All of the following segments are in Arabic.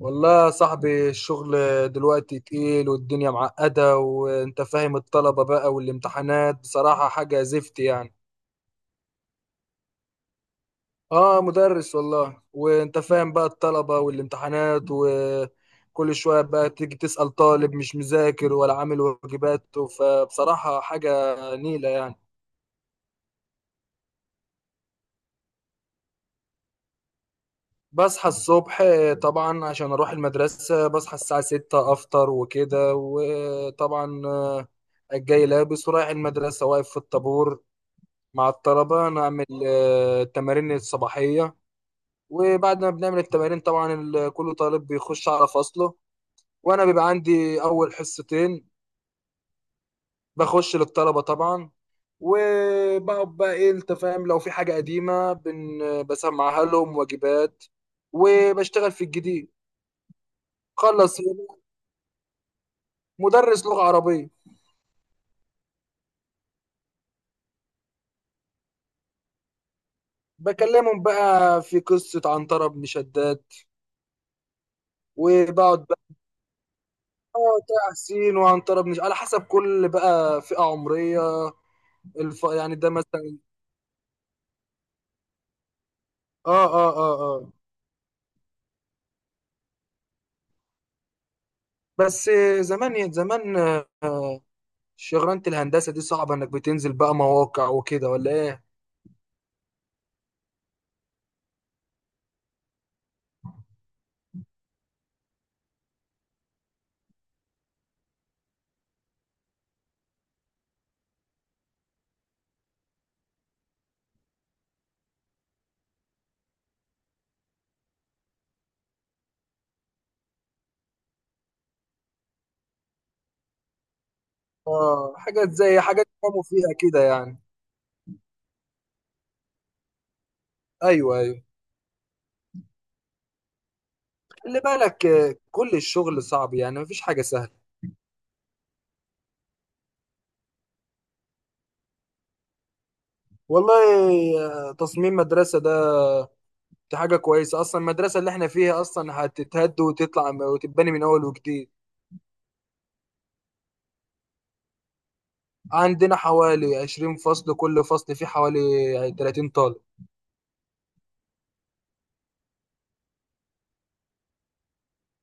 والله يا صاحبي، الشغل دلوقتي تقيل والدنيا معقدة وانت فاهم الطلبة بقى والامتحانات، بصراحة حاجة زفت يعني. اه، مدرس والله، وانت فاهم بقى الطلبة والامتحانات، وكل شوية بقى تيجي تسأل طالب مش مذاكر ولا عامل واجباته، فبصراحة حاجة نيلة يعني. بصحى الصبح طبعا عشان اروح المدرسة، بصحى الساعة ستة، افطر وكده، وطبعا الجاي لابس ورايح المدرسة، واقف في الطابور مع الطلبة، نعمل التمارين الصباحية. وبعد ما بنعمل التمارين طبعا كل طالب بيخش على فصله، وأنا بيبقى عندي أول حصتين، بخش للطلبة طبعا، وبقعد بقى إيه، أنت فاهم، لو في حاجة قديمة بسمعها لهم، واجبات، وبشتغل في الجديد. خلص، مدرس لغة عربية. بكلمهم بقى في قصة عنترة بن شداد، وبقعد بقى، اه، تحسين وعنترة بن، على حسب كل بقى فئة عمرية. يعني ده مثلا. اه. بس زمان إيه، زمان، آه، شغلانة الهندسة دي صعبة، انك بتنزل بقى مواقع وكده ولا ايه؟ اه، حاجات زي حاجات قاموا فيها كده يعني. ايوه، ايوه. خلي بالك كل الشغل صعب يعني، مفيش حاجة سهلة. والله، تصميم مدرسة ده، دي حاجة كويسة، أصلا المدرسة اللي احنا فيها أصلا هتتهد وتطلع وتتبني من أول وجديد. عندنا حوالي 20 فصل، كل فصل فيه حوالي 30 طالب.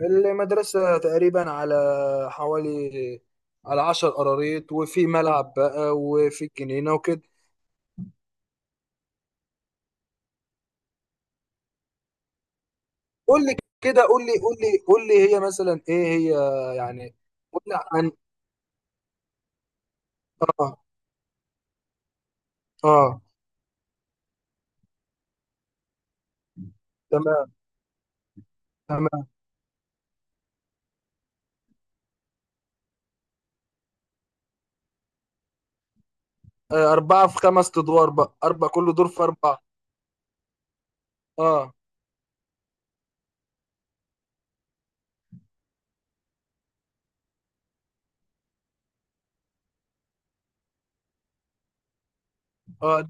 المدرسة تقريبا على حوالي، على عشر قراريط، وفي ملعب بقى وفي جنينة وكده. قول لي كده قول لي قول لي قول لي هي مثلا ايه هي يعني؟ قول لي عن، اه. اه تمام تمام أربعة في خمس أدوار بقى، أربعة كل دور في أربعة. اه اه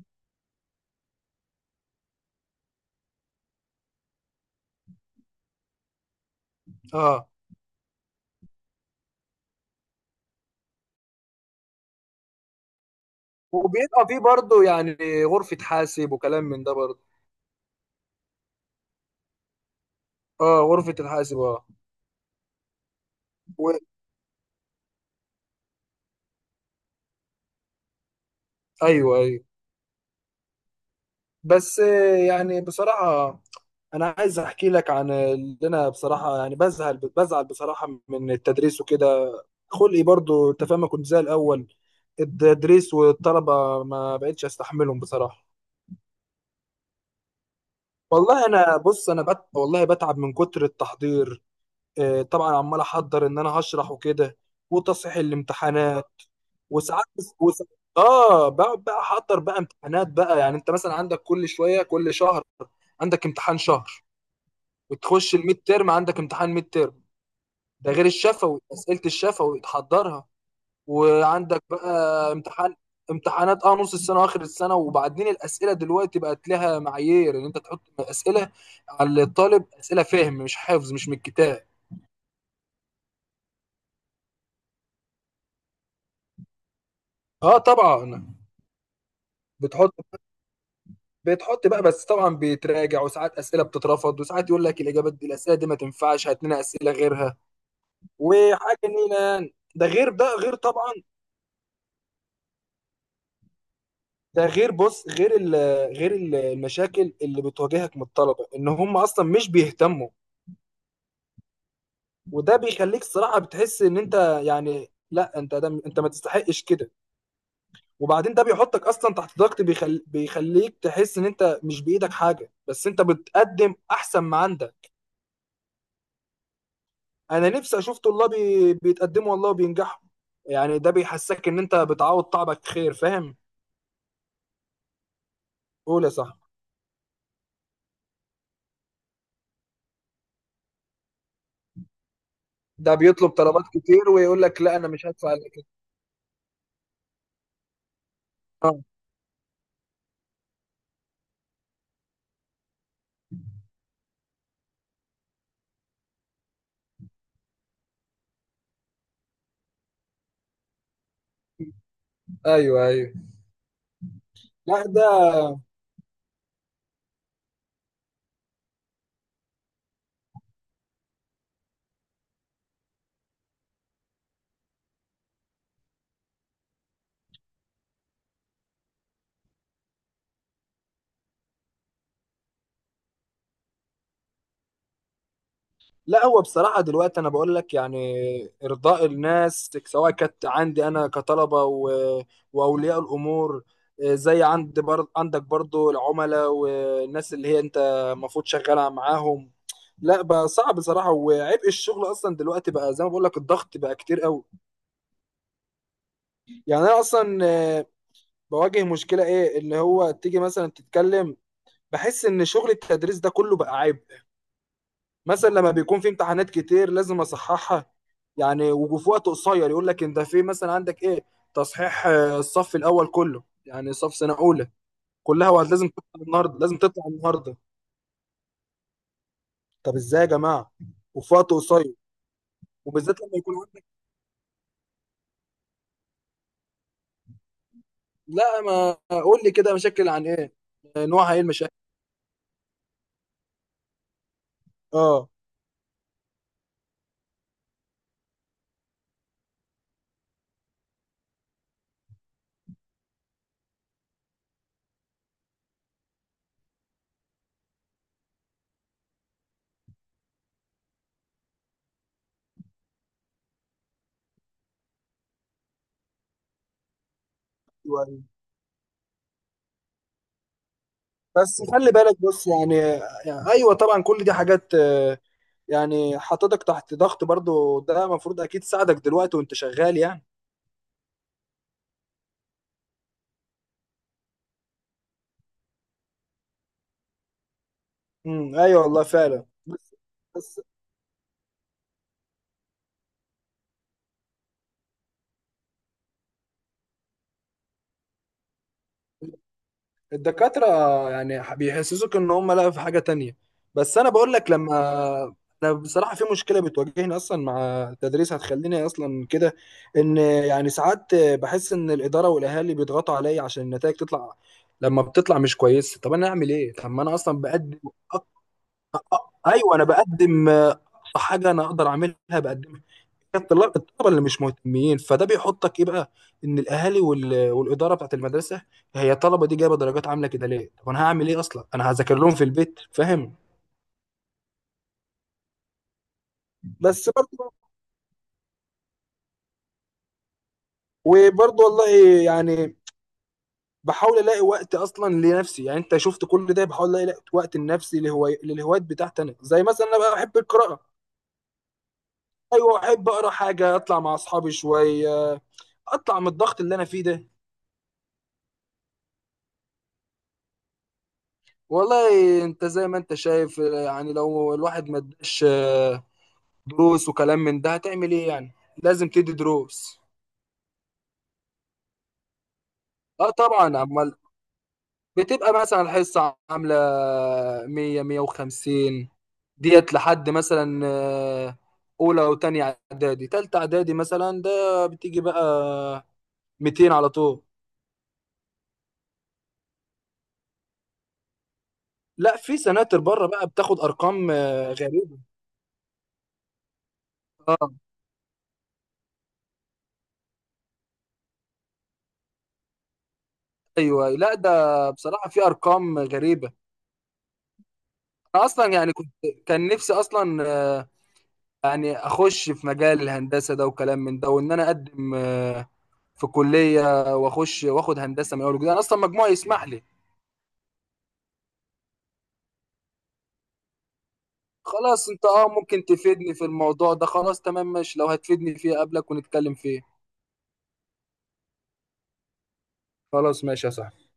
اه. وبيبقى فيه برضه يعني غرفة حاسب وكلام من ده برضه. اه، غرفة الحاسب، اه. و- ايوه، ايوه. بس يعني بصراحة، انا عايز احكي لك عن اللي انا بصراحه يعني، بزعل بزعل بصراحه من التدريس وكده. خلقي برضو، انت فاهم، ما كنت زي الاول. التدريس والطلبه ما بقتش استحملهم بصراحه. والله انا، والله بتعب من كتر التحضير. طبعا عمال احضر ان انا هشرح وكده، وتصحيح الامتحانات. وساعات، وساعات اه بقعد بقى احضر بقى امتحانات بقى، يعني انت مثلا عندك كل شويه، كل شهر عندك امتحان شهر، وتخش الميد تيرم عندك امتحان ميد تيرم، ده غير الشفوي، اسئله الشفوي تحضرها. وعندك بقى امتحان، امتحانات اه نص السنه واخر السنه. وبعدين الاسئله دلوقتي بقت لها معايير، ان انت تحط اسئله على الطالب، اسئله فهم مش حفظ، مش من الكتاب. اه طبعا. بتحط، بقى بس طبعا بيتراجع. وساعات اسئله بتترفض، وساعات يقول لك الاجابات دي، الاسئله دي ما تنفعش، هات لنا اسئله غيرها. وحاجه نيله يعني. ده غير، طبعا، ده غير بص غير ال غير ال- المشاكل اللي بتواجهك من الطلبه، ان هم اصلا مش بيهتموا، وده بيخليك صراحه بتحس ان انت، يعني لا انت ده، انت ما تستحقش كده. وبعدين ده بيحطك اصلا تحت ضغط، بيخليك تحس ان انت مش بايدك حاجه، بس انت بتقدم احسن ما عندك. انا نفسي اشوف طلاب بيتقدموا والله وبينجحوا، يعني ده بيحسسك ان انت بتعوض تعبك خير، فاهم. قول يا صاحبي. ده بيطلب طلبات كتير، ويقول لك لا انا مش هدفع الا كده. آه، ايوه، ايوه. لا ده. لا هو بصراحة دلوقتي أنا بقول لك يعني، إرضاء الناس، سواء كانت عندي أنا كطلبة وأولياء الأمور، زي عندك برضو العملاء والناس اللي هي أنت المفروض شغالة معاهم. لا بقى صعب بصراحة، وعبء الشغل أصلا دلوقتي بقى، زي ما بقول لك، الضغط بقى كتير قوي. يعني أنا أصلا بواجه مشكلة إيه، اللي هو تيجي مثلا تتكلم، بحس إن شغل التدريس ده كله بقى عيب. مثلا لما بيكون في امتحانات كتير لازم اصححها، يعني وفي وقت قصير، يقول لك انت في مثلا عندك ايه، تصحيح الصف الاول كله يعني، صف سنه اولى كلها، وقت لازم تطلع النهارده، لازم تطلع النهارده. طب ازاي يا جماعه؟ وفي وقت قصير، وبالذات لما يكون عندك، لا ما، قول لي كده مشاكل عن ايه، نوعها ايه المشاكل. اه. أيوة. بس خلي بالك، بص يعني، يعني ايوه طبعا كل دي حاجات يعني حطتك تحت ضغط، برضو ده المفروض اكيد ساعدك دلوقتي وانت شغال يعني. ايوه والله فعلا. بس، بس الدكاترة، يعني بيحسسوك ان هم، لا في حاجة تانية. بس انا بقول لك، لما انا بصراحة في مشكلة بتواجهني اصلا مع التدريس، هتخليني اصلا كده، ان يعني ساعات بحس ان الإدارة والاهالي بيضغطوا عليا عشان النتائج تطلع، لما بتطلع مش كويسة. طب انا اعمل ايه؟ طب ما انا اصلا بقدم. أق- ايوه انا بقدم اقصى حاجة انا اقدر اعملها بقدمها. الطلاب، الطلبه اللي مش مهتمين، فده بيحطك ايه بقى، ان الاهالي والاداره بتاعت المدرسه، هي الطلبه دي جايبه درجات عامله كده ليه؟ طب انا هعمل ايه؟ اصلا انا هذاكر لهم في البيت، فاهم. بس برضه، وبرضه والله يعني، بحاول الاقي وقت اصلا لنفسي، يعني انت شفت كل ده، بحاول الاقي وقت لنفسي للهوايات بتاعتي انا، زي مثلا انا بقى بحب القراءه. ايوه، احب اقرا حاجه، اطلع مع اصحابي شويه، اطلع من الضغط اللي انا فيه ده. والله انت زي ما انت شايف يعني، لو الواحد ما اداش دروس وكلام من ده هتعمل ايه يعني؟ لازم تدي دروس. اه طبعا، امال. بتبقى مثلا الحصه عامله 100، 150، ديت لحد مثلا اولى وتانية اعدادي. تالتة اعدادي مثلا ده بتيجي بقى 200 على طول. لا، في سناتر بره بقى بتاخد ارقام غريبه. اه ايوه، لا ده بصراحه في ارقام غريبه. انا اصلا يعني كنت، كان نفسي اصلا يعني اخش في مجال الهندسه ده وكلام من ده، وان انا اقدم في كليه، واخش واخد هندسه من اول وجديد، انا اصلا مجموعي يسمح لي. خلاص، انت اه ممكن تفيدني في الموضوع ده، خلاص تمام ماشي، لو هتفيدني فيه قبلك ونتكلم فيه. خلاص ماشي يا صاحبي.